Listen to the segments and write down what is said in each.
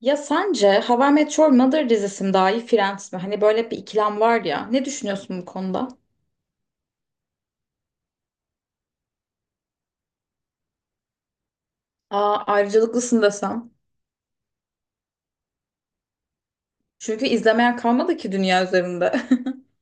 Ya sence How I Met Your Mother dizisi mi daha iyi Friends mi? Hani böyle bir ikilem var ya. Ne düşünüyorsun bu konuda? Aa, ayrıcalıklısın desem. Çünkü izlemeyen kalmadı ki dünya üzerinde.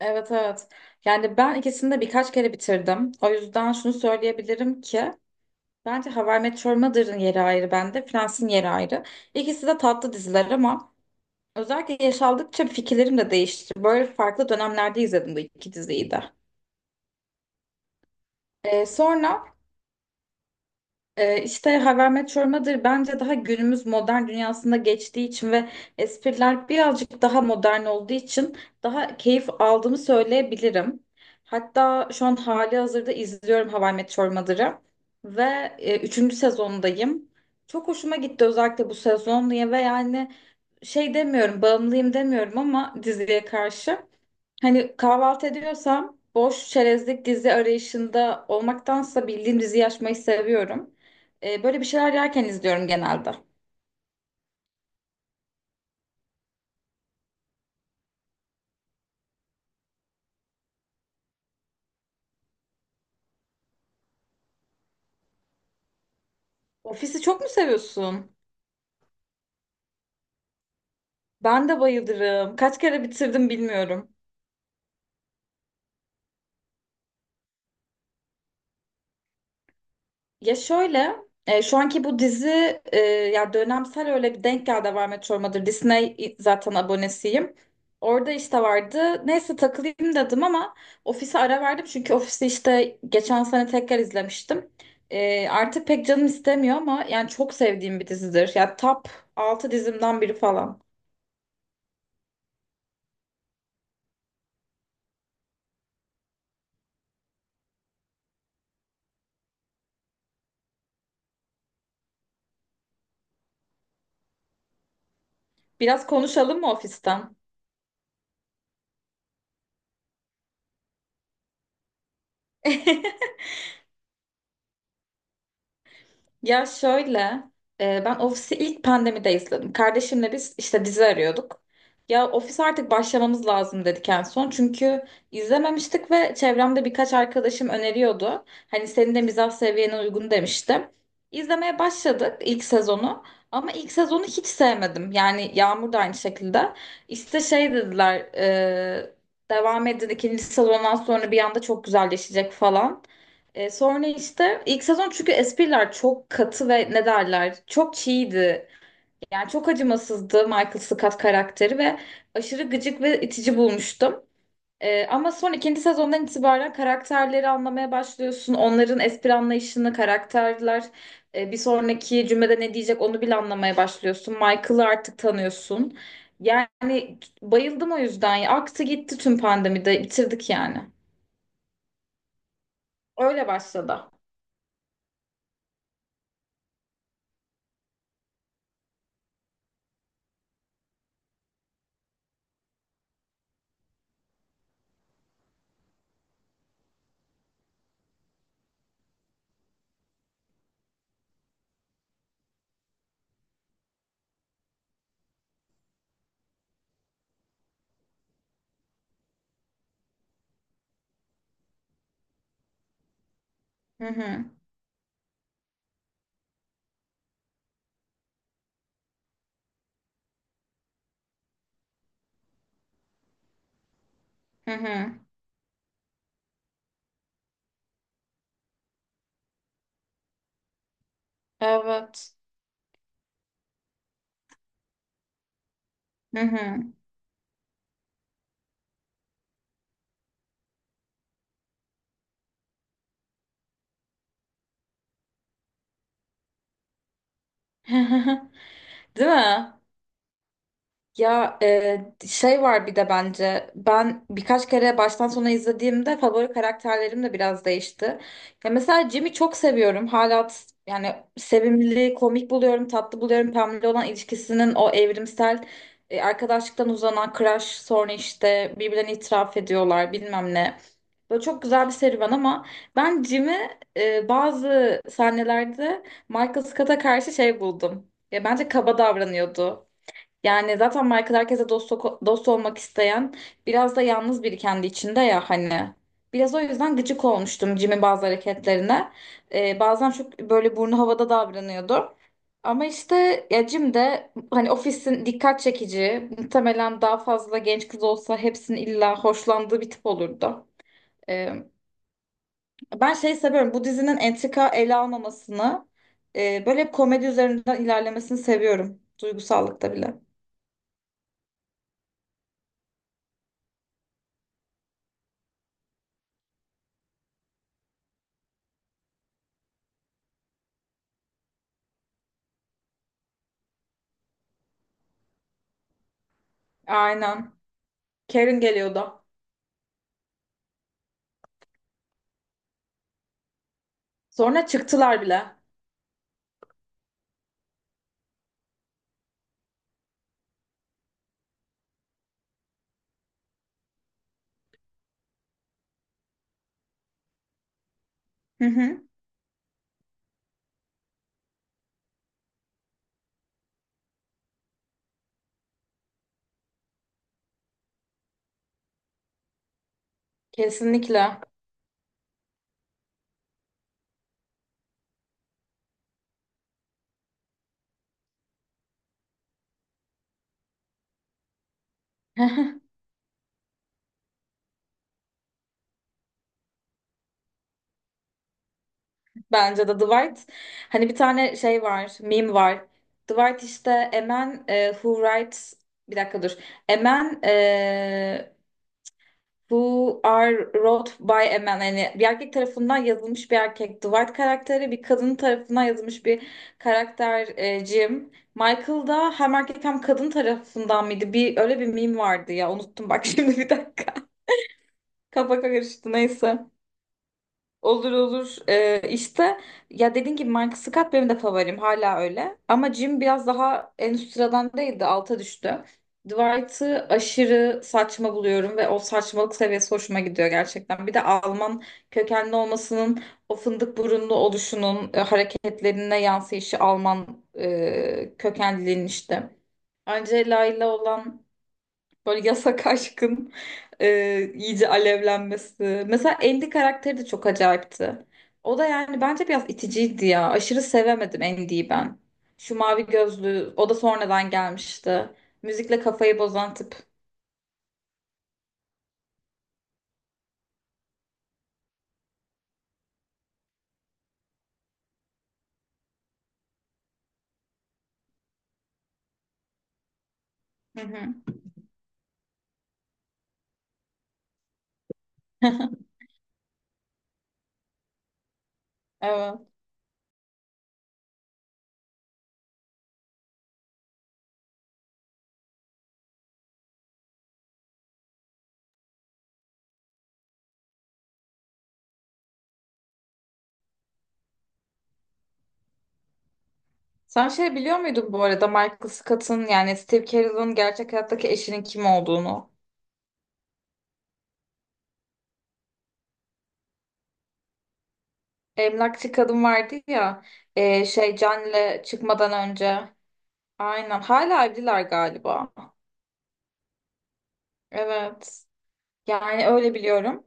Evet evet. Yani ben ikisini de birkaç kere bitirdim. O yüzden şunu söyleyebilirim ki bence How I Met Your Mother'ın yeri ayrı bende. Friends'in yeri ayrı. İkisi de tatlı diziler ama özellikle yaş aldıkça fikirlerim de değişti. Böyle farklı dönemlerde izledim bu iki diziyi de. Sonra işte Haber Met Your Mother bence daha günümüz modern dünyasında geçtiği için ve espriler birazcık daha modern olduğu için daha keyif aldığımı söyleyebilirim. Hatta şu an hali hazırda izliyorum Haber Met Your Mother'ı ve üçüncü sezondayım. Çok hoşuma gitti özellikle bu sezon diye ve yani şey demiyorum bağımlıyım demiyorum ama diziye karşı. Hani kahvaltı ediyorsam boş çerezlik dizi arayışında olmaktansa bildiğim diziyi açmayı seviyorum. Böyle bir şeyler yerken izliyorum genelde. Ofisi çok mu seviyorsun? Ben de bayılırım. Kaç kere bitirdim bilmiyorum. Ya şöyle, şu anki bu dizi ya dönemsel öyle bir denk geldi var Meteor Mother. Disney zaten abonesiyim. Orada işte vardı. Neyse takılayım dedim ama ofise ara verdim. Çünkü ofisi işte geçen sene tekrar izlemiştim. Artık pek canım istemiyor ama yani çok sevdiğim bir dizidir. Ya top 6 dizimden biri falan. Biraz konuşalım mı ofisten? Ya şöyle, ben Ofis'i ilk pandemide izledim. Kardeşimle biz işte dizi arıyorduk. Ya Ofis artık başlamamız lazım dedik en son. Çünkü izlememiştik ve çevremde birkaç arkadaşım öneriyordu. Hani senin de mizah seviyene uygun demişti. İzlemeye başladık ilk sezonu. Ama ilk sezonu hiç sevmedim. Yani Yağmur da aynı şekilde. İşte şey dediler, devam edin ikinci sezondan sonra bir anda çok güzelleşecek falan. Sonra işte ilk sezon çünkü espriler çok katı ve ne derler çok çiğdi. Yani çok acımasızdı Michael Scott karakteri ve aşırı gıcık ve itici bulmuştum. Ama son ikinci sezondan itibaren karakterleri anlamaya başlıyorsun. Onların espri anlayışını, karakterler bir sonraki cümlede ne diyecek onu bile anlamaya başlıyorsun. Michael'ı artık tanıyorsun. Yani bayıldım o yüzden. Ya. Aktı gitti tüm pandemide bitirdik yani. Öyle başladı. Hı hı. Hı hı. Evet. Hı hı. Değil mi? Ya şey var bir de bence ben birkaç kere baştan sona izlediğimde favori karakterlerim de biraz değişti. Ya mesela Jimmy çok seviyorum. Hala yani sevimli, komik buluyorum, tatlı buluyorum. Pamela olan ilişkisinin o evrimsel arkadaşlıktan uzanan crush sonra işte birbirlerine itiraf ediyorlar bilmem ne. Böyle çok güzel bir serüven ama ben Jimmy bazı sahnelerde Michael Scott'a karşı şey buldum. Ya bence kaba davranıyordu. Yani zaten Michael herkese dost, dost olmak isteyen biraz da yalnız biri kendi içinde ya hani. Biraz o yüzden gıcık olmuştum Jim'in bazı hareketlerine. Bazen çok böyle burnu havada davranıyordu. Ama işte ya Jim de hani ofisin dikkat çekici, muhtemelen daha fazla genç kız olsa hepsinin illa hoşlandığı bir tip olurdu. Ben şeyi seviyorum. Bu dizinin entrika ele almamasını, böyle hep komedi üzerinden ilerlemesini seviyorum. Duygusallıkta bile. Aynen. Karen geliyordu. Sonra çıktılar bile. Hı hı. Kesinlikle. Bence de Dwight. Hani bir tane şey var, meme var. Dwight işte a man who writes bir dakika dur. A man Who Are Wrote by a Man. Yani bir erkek tarafından yazılmış bir erkek Dwight karakteri, bir kadın tarafından yazılmış bir karakter Jim. Michael da hem erkek hem kadın tarafından mıydı? Bir öyle bir meme vardı ya. Unuttum bak şimdi bir dakika. Kafa karıştı neyse. Olur olur. İşte ya dediğin gibi Michael Scott benim de favorim hala öyle. Ama Jim biraz daha en üst sıradan değildi alta düştü. Dwight'ı aşırı saçma buluyorum ve o saçmalık seviyesi hoşuma gidiyor gerçekten. Bir de Alman kökenli olmasının o fındık burunlu oluşunun hareketlerine yansıyışı Alman kökenliliğin işte. Angela ile olan böyle yasak aşkın iyice alevlenmesi. Mesela Andy karakteri de çok acayipti. O da yani bence biraz iticiydi ya. Aşırı sevemedim Andy'yi ben. Şu mavi gözlü, o da sonradan gelmişti. Müzikle kafayı bozan tip. Hı hı. Evet. Sen şey biliyor muydun bu arada Michael Scott'ın yani Steve Carell'ın gerçek hayattaki eşinin kim olduğunu? Emlakçı kadın vardı ya şey John'le çıkmadan önce. Aynen. Hala evliler galiba. Evet. Yani öyle biliyorum.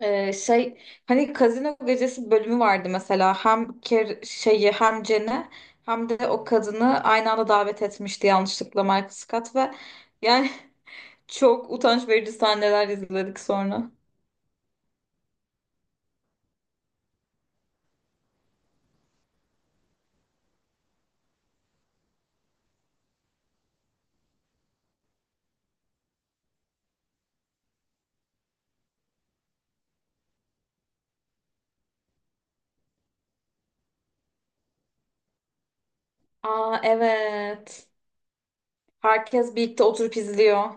Şey, hani Kazino Gecesi bölümü vardı mesela. Hem Ker şeyi hem Cen'i hem de o kadını aynı anda davet etmişti yanlışlıkla Michael Scott ve yani çok utanç verici sahneler izledik sonra. Aa evet. Herkes birlikte oturup izliyor.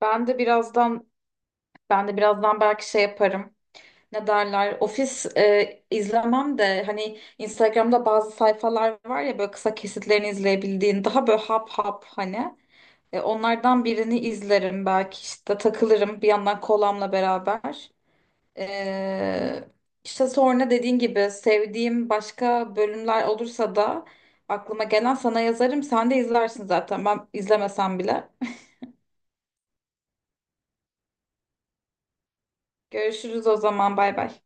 Ben de birazdan belki şey yaparım. Ne derler ofis izlemem de hani Instagram'da bazı sayfalar var ya böyle kısa kesitlerini izleyebildiğin daha böyle hap hap hani. Onlardan birini izlerim belki işte takılırım bir yandan kolamla beraber. E, işte sonra dediğin gibi sevdiğim başka bölümler olursa da aklıma gelen sana yazarım sen de izlersin zaten ben izlemesem bile. Görüşürüz o zaman, bay bay.